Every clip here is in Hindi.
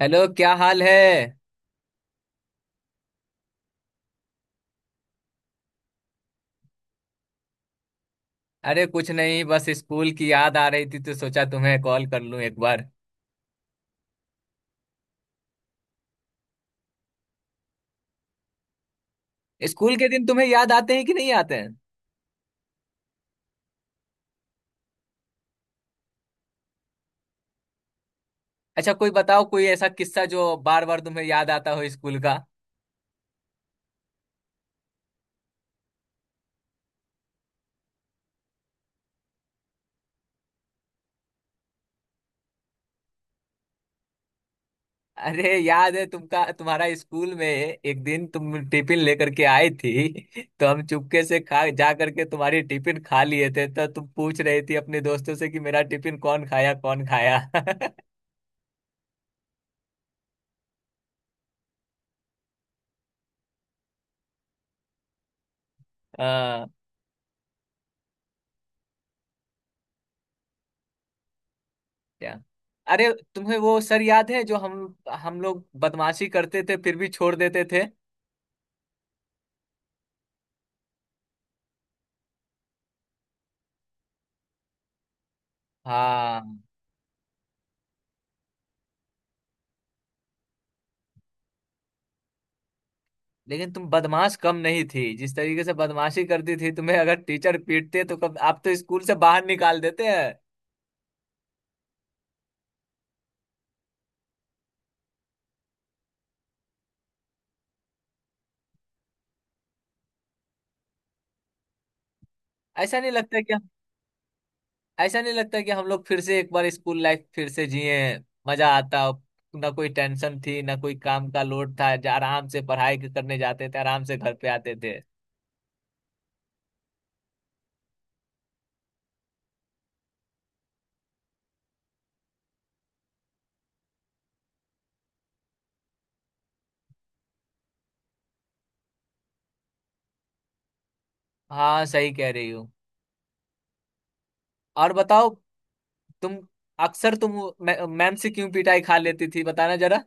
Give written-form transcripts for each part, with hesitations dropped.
हेलो, क्या हाल है? अरे, कुछ नहीं, बस स्कूल की याद आ रही थी तो सोचा तुम्हें कॉल कर लूं एक बार। स्कूल के दिन तुम्हें याद आते हैं कि नहीं आते हैं? अच्छा, कोई बताओ कोई ऐसा किस्सा जो बार बार तुम्हें याद आता हो स्कूल का। अरे याद है, तुमका तुम्हारा स्कूल में एक दिन तुम टिफिन लेकर के आई थी। तो हम चुपके से खा जा करके तुम्हारी टिफिन खा लिए थे, तो तुम पूछ रही थी अपने दोस्तों से कि मेरा टिफिन कौन खाया कौन खाया। हाँ, क्या? अरे, तुम्हें वो सर याद है जो हम लोग बदमाशी करते थे फिर भी छोड़ देते थे? हाँ, लेकिन तुम बदमाश कम नहीं थी, जिस तरीके से बदमाशी करती थी तुम्हें अगर टीचर पीटते तो कब आप तो स्कूल से बाहर निकाल देते हैं। ऐसा नहीं लगता कि ऐसा नहीं लगता कि हम लोग फिर से एक बार स्कूल लाइफ फिर से जिए? मजा आता। ना कोई टेंशन थी, ना कोई काम का लोड था, आराम से पढ़ाई करने जाते थे, आराम से घर पे आते थे। हाँ, सही कह रही हो। और बताओ, तुम अक्सर तुम वो मैम से क्यों पिटाई खा लेती थी, बताना जरा।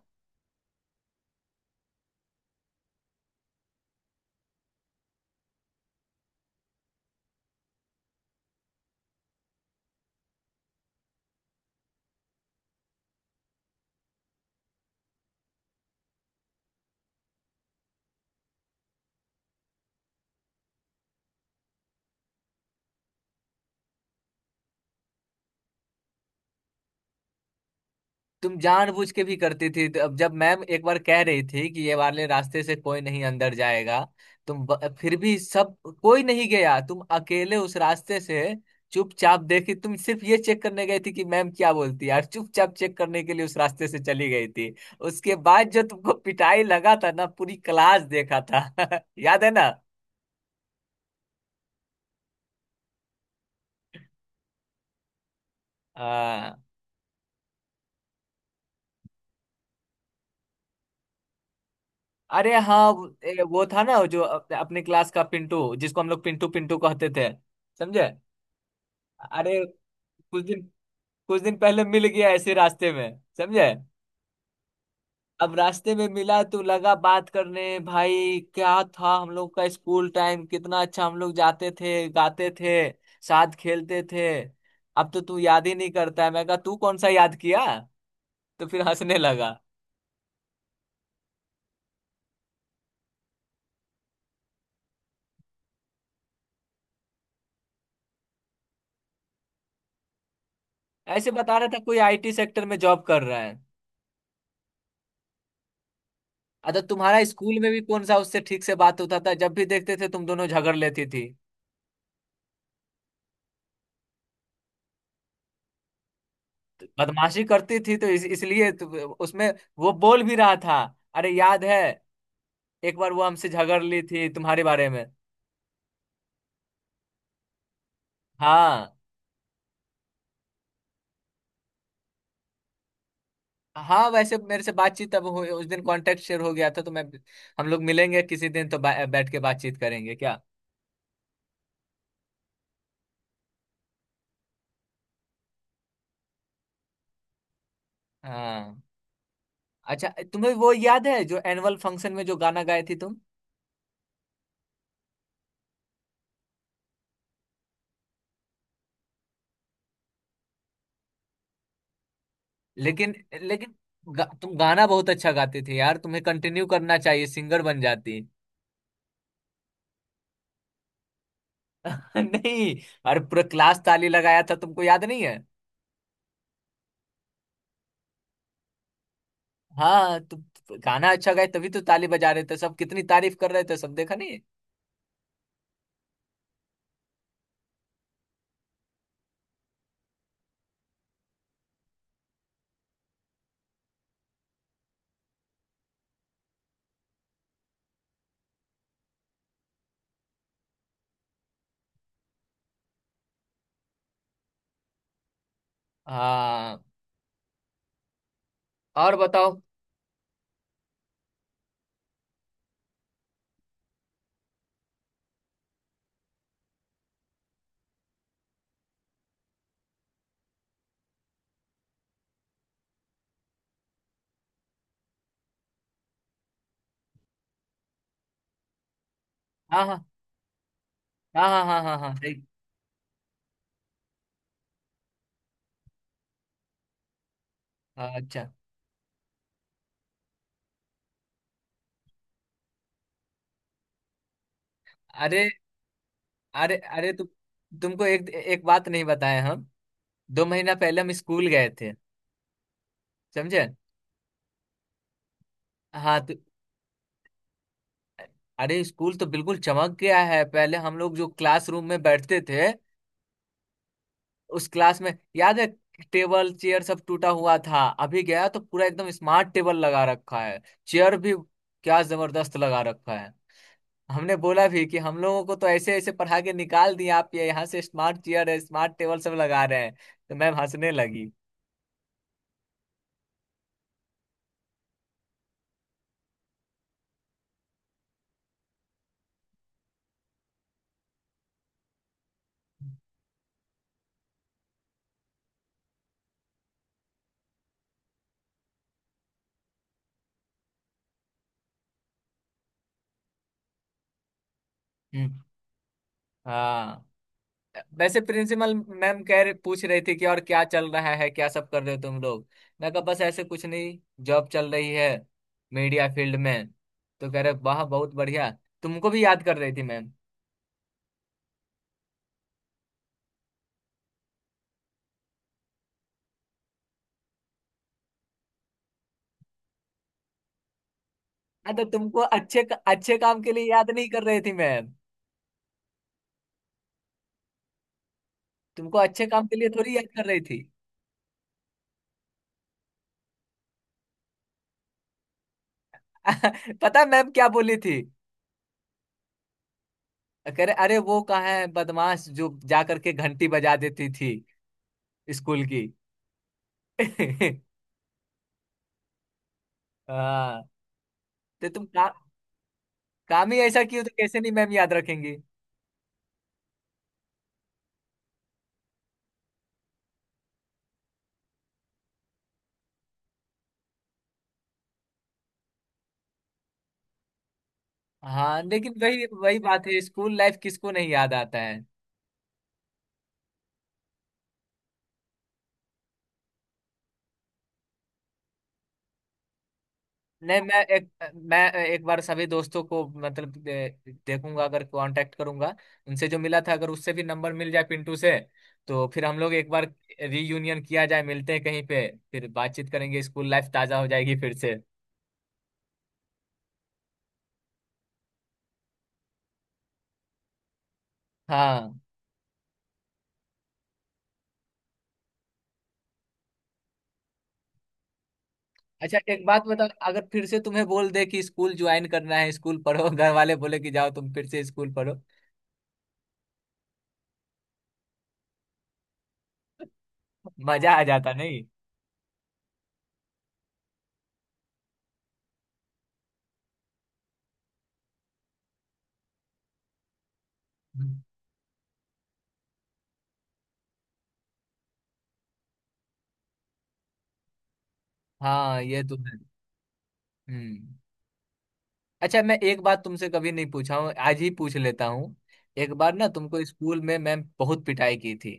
तुम जानबूझ के भी करती थी, तो अब जब मैम एक बार कह रही थी कि ये वाले रास्ते से कोई नहीं अंदर जाएगा, फिर भी सब, कोई नहीं गया, तुम अकेले उस रास्ते से चुपचाप देखी। तुम सिर्फ ये चेक करने गई थी कि मैम क्या बोलती है, और चुपचाप चेक करने के लिए उस रास्ते से चली गई थी। उसके बाद जो तुमको पिटाई लगा था ना, पूरी क्लास देखा था। याद है ना? हाँ। अरे हाँ, वो वो था ना जो अपने क्लास का पिंटू, जिसको हम लोग पिंटू पिंटू कहते थे, समझे? अरे कुछ दिन कुछ दिन पहले मिल गया ऐसे रास्ते में, समझे? अब रास्ते में मिला तो लगा बात करने। भाई, क्या था हम लोग का स्कूल टाइम, कितना अच्छा! हम लोग जाते थे, गाते थे, साथ खेलते थे। अब तो तू याद ही नहीं करता है, मैं कहा तू कौन सा याद किया। तो फिर हंसने लगा। ऐसे बता रहा था कोई आईटी सेक्टर में जॉब कर रहा है। अच्छा, तुम्हारा स्कूल में भी कौन सा उससे ठीक से बात होता था, जब भी देखते थे तुम दोनों झगड़ लेती थी। तो बदमाशी करती थी तो इसलिए तो। उसमें वो बोल भी रहा था। अरे याद है, एक बार वो हमसे झगड़ ली थी तुम्हारे बारे में। हाँ। हाँ, वैसे मेरे से बातचीत अब हुई, उस दिन कांटेक्ट शेयर हो गया था, तो मैं, हम लोग मिलेंगे किसी दिन तो बैठ के बातचीत करेंगे क्या? हाँ। अच्छा, तुम्हें वो याद है जो एनुअल फंक्शन में जो गाना गाए थी तुम? लेकिन लेकिन तुम गाना बहुत अच्छा गाते थे यार, तुम्हें कंटिन्यू करना चाहिए, सिंगर बन जाती। नहीं, अरे पूरा क्लास ताली लगाया था, तुमको याद नहीं है? हाँ, तुम गाना अच्छा गाए तभी तो ताली बजा रहे थे सब, कितनी तारीफ कर रहे थे सब, देखा नहीं? हाँ। और बताओ। हाँ, हाँ, हाँ, हाँ, हाँ, हाँ, हाँ, सही। हाँ, अच्छा। अरे, अरे, अरे, तुमको एक एक बात नहीं बताए हम, 2 महीना पहले हम स्कूल गए थे, समझे? हाँ, तो अरे, स्कूल तो बिल्कुल चमक गया है। पहले हम लोग जो क्लासरूम में बैठते थे, उस क्लास में याद है, टेबल चेयर सब टूटा हुआ था। अभी गया तो पूरा एकदम स्मार्ट टेबल लगा रखा है, चेयर भी। क्या जबरदस्त लगा रखा है! हमने बोला भी कि हम लोगों को तो ऐसे ऐसे पढ़ा के निकाल दिया, आप ये यहाँ से स्मार्ट चेयर है, स्मार्ट टेबल सब लगा रहे हैं। तो मैम हंसने लगी। हम्म, हाँ, वैसे प्रिंसिपल मैम कह रहे, पूछ रही थी कि और क्या चल रहा है, क्या सब कर रहे हो तुम लोग। मैं कहा बस ऐसे कुछ नहीं, जॉब चल रही है मीडिया फील्ड में। तो कह रहे वाह, बहुत बढ़िया। तुमको भी याद कर रही थी मैम। हाँ तो तुमको अच्छे अच्छे काम के लिए याद नहीं कर रही थी मैम, तुमको अच्छे काम के लिए थोड़ी याद कर रही थी। पता है मैम क्या बोली थी? कह रहे अरे वो कहाँ है बदमाश जो जा करके घंटी बजा देती थी स्कूल की। हाँ तो काम ही ऐसा किया तो कैसे नहीं मैम याद रखेंगी। हाँ, लेकिन वही वही बात है, स्कूल लाइफ किसको नहीं याद आता है। नहीं, मैं एक बार सभी दोस्तों को मतलब देखूंगा, अगर कांटेक्ट करूंगा उनसे जो मिला था, अगर उससे भी नंबर मिल जाए पिंटू से, तो फिर हम लोग एक बार रीयूनियन किया जाए, मिलते हैं कहीं पे, फिर बातचीत करेंगे, स्कूल लाइफ ताजा हो जाएगी फिर से। हाँ। अच्छा, एक बात बताओ, अगर फिर से तुम्हें बोल दे कि स्कूल ज्वाइन करना है, स्कूल पढ़ो, घर वाले बोले कि जाओ तुम फिर से स्कूल पढ़ो, मजा आ जाता नहीं? हाँ, ये तो है। हम्म। अच्छा, मैं एक बात तुमसे कभी नहीं पूछा हूँ, आज ही पूछ लेता हूँ। एक बार ना तुमको स्कूल में मैम बहुत पिटाई की थी,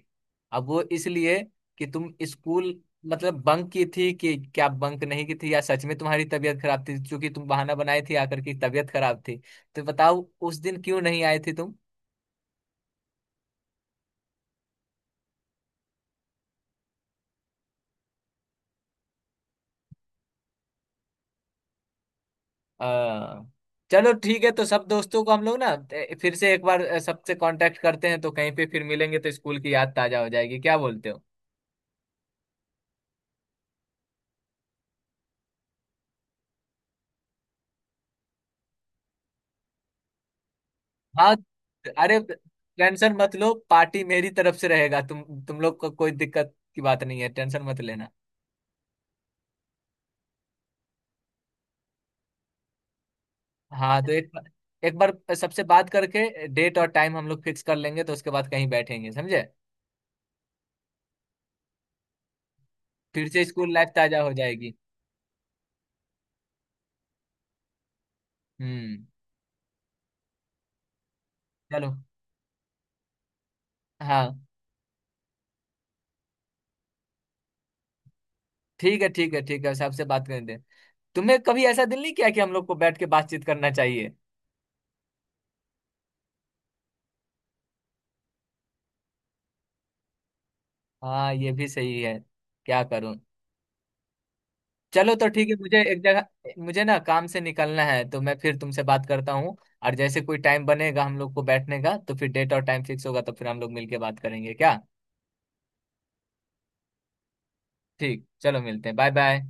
अब वो इसलिए कि तुम स्कूल मतलब बंक की थी कि क्या, बंक नहीं की थी, या सच में तुम्हारी तबीयत खराब थी? क्योंकि तुम बहाना बनाए थे आकर की तबीयत खराब थी। तो बताओ उस दिन क्यों नहीं आए थे तुम? आ, चलो ठीक है, तो सब दोस्तों को हम लोग ना, फिर से एक बार सबसे कांटेक्ट करते हैं, तो कहीं पे फिर मिलेंगे तो स्कूल की याद ताजा हो जाएगी, क्या बोलते हो? हाँ। अरे, टेंशन मत लो, पार्टी मेरी तरफ से रहेगा, तुम लोग को कोई दिक्कत की बात नहीं है, टेंशन मत लेना। हाँ तो एक एक बार सबसे बात करके डेट और टाइम हम लोग फिक्स कर लेंगे, तो उसके बाद कहीं बैठेंगे, समझे? फिर से स्कूल लाइफ ताजा हो जाएगी। हम्म। चलो। हाँ, ठीक है, ठीक है, ठीक है, सबसे बात कर दे। तुम्हें कभी ऐसा दिल नहीं किया कि हम लोग को बैठ के बातचीत करना चाहिए? हाँ, ये भी सही है, क्या करूं। चलो तो ठीक है, मुझे एक जगह, मुझे ना काम से निकलना है, तो मैं फिर तुमसे बात करता हूँ। और जैसे कोई टाइम बनेगा हम लोग को बैठने का, तो फिर डेट और टाइम फिक्स होगा तो फिर हम लोग मिलके बात करेंगे क्या? ठीक, चलो, मिलते हैं। Bye bye.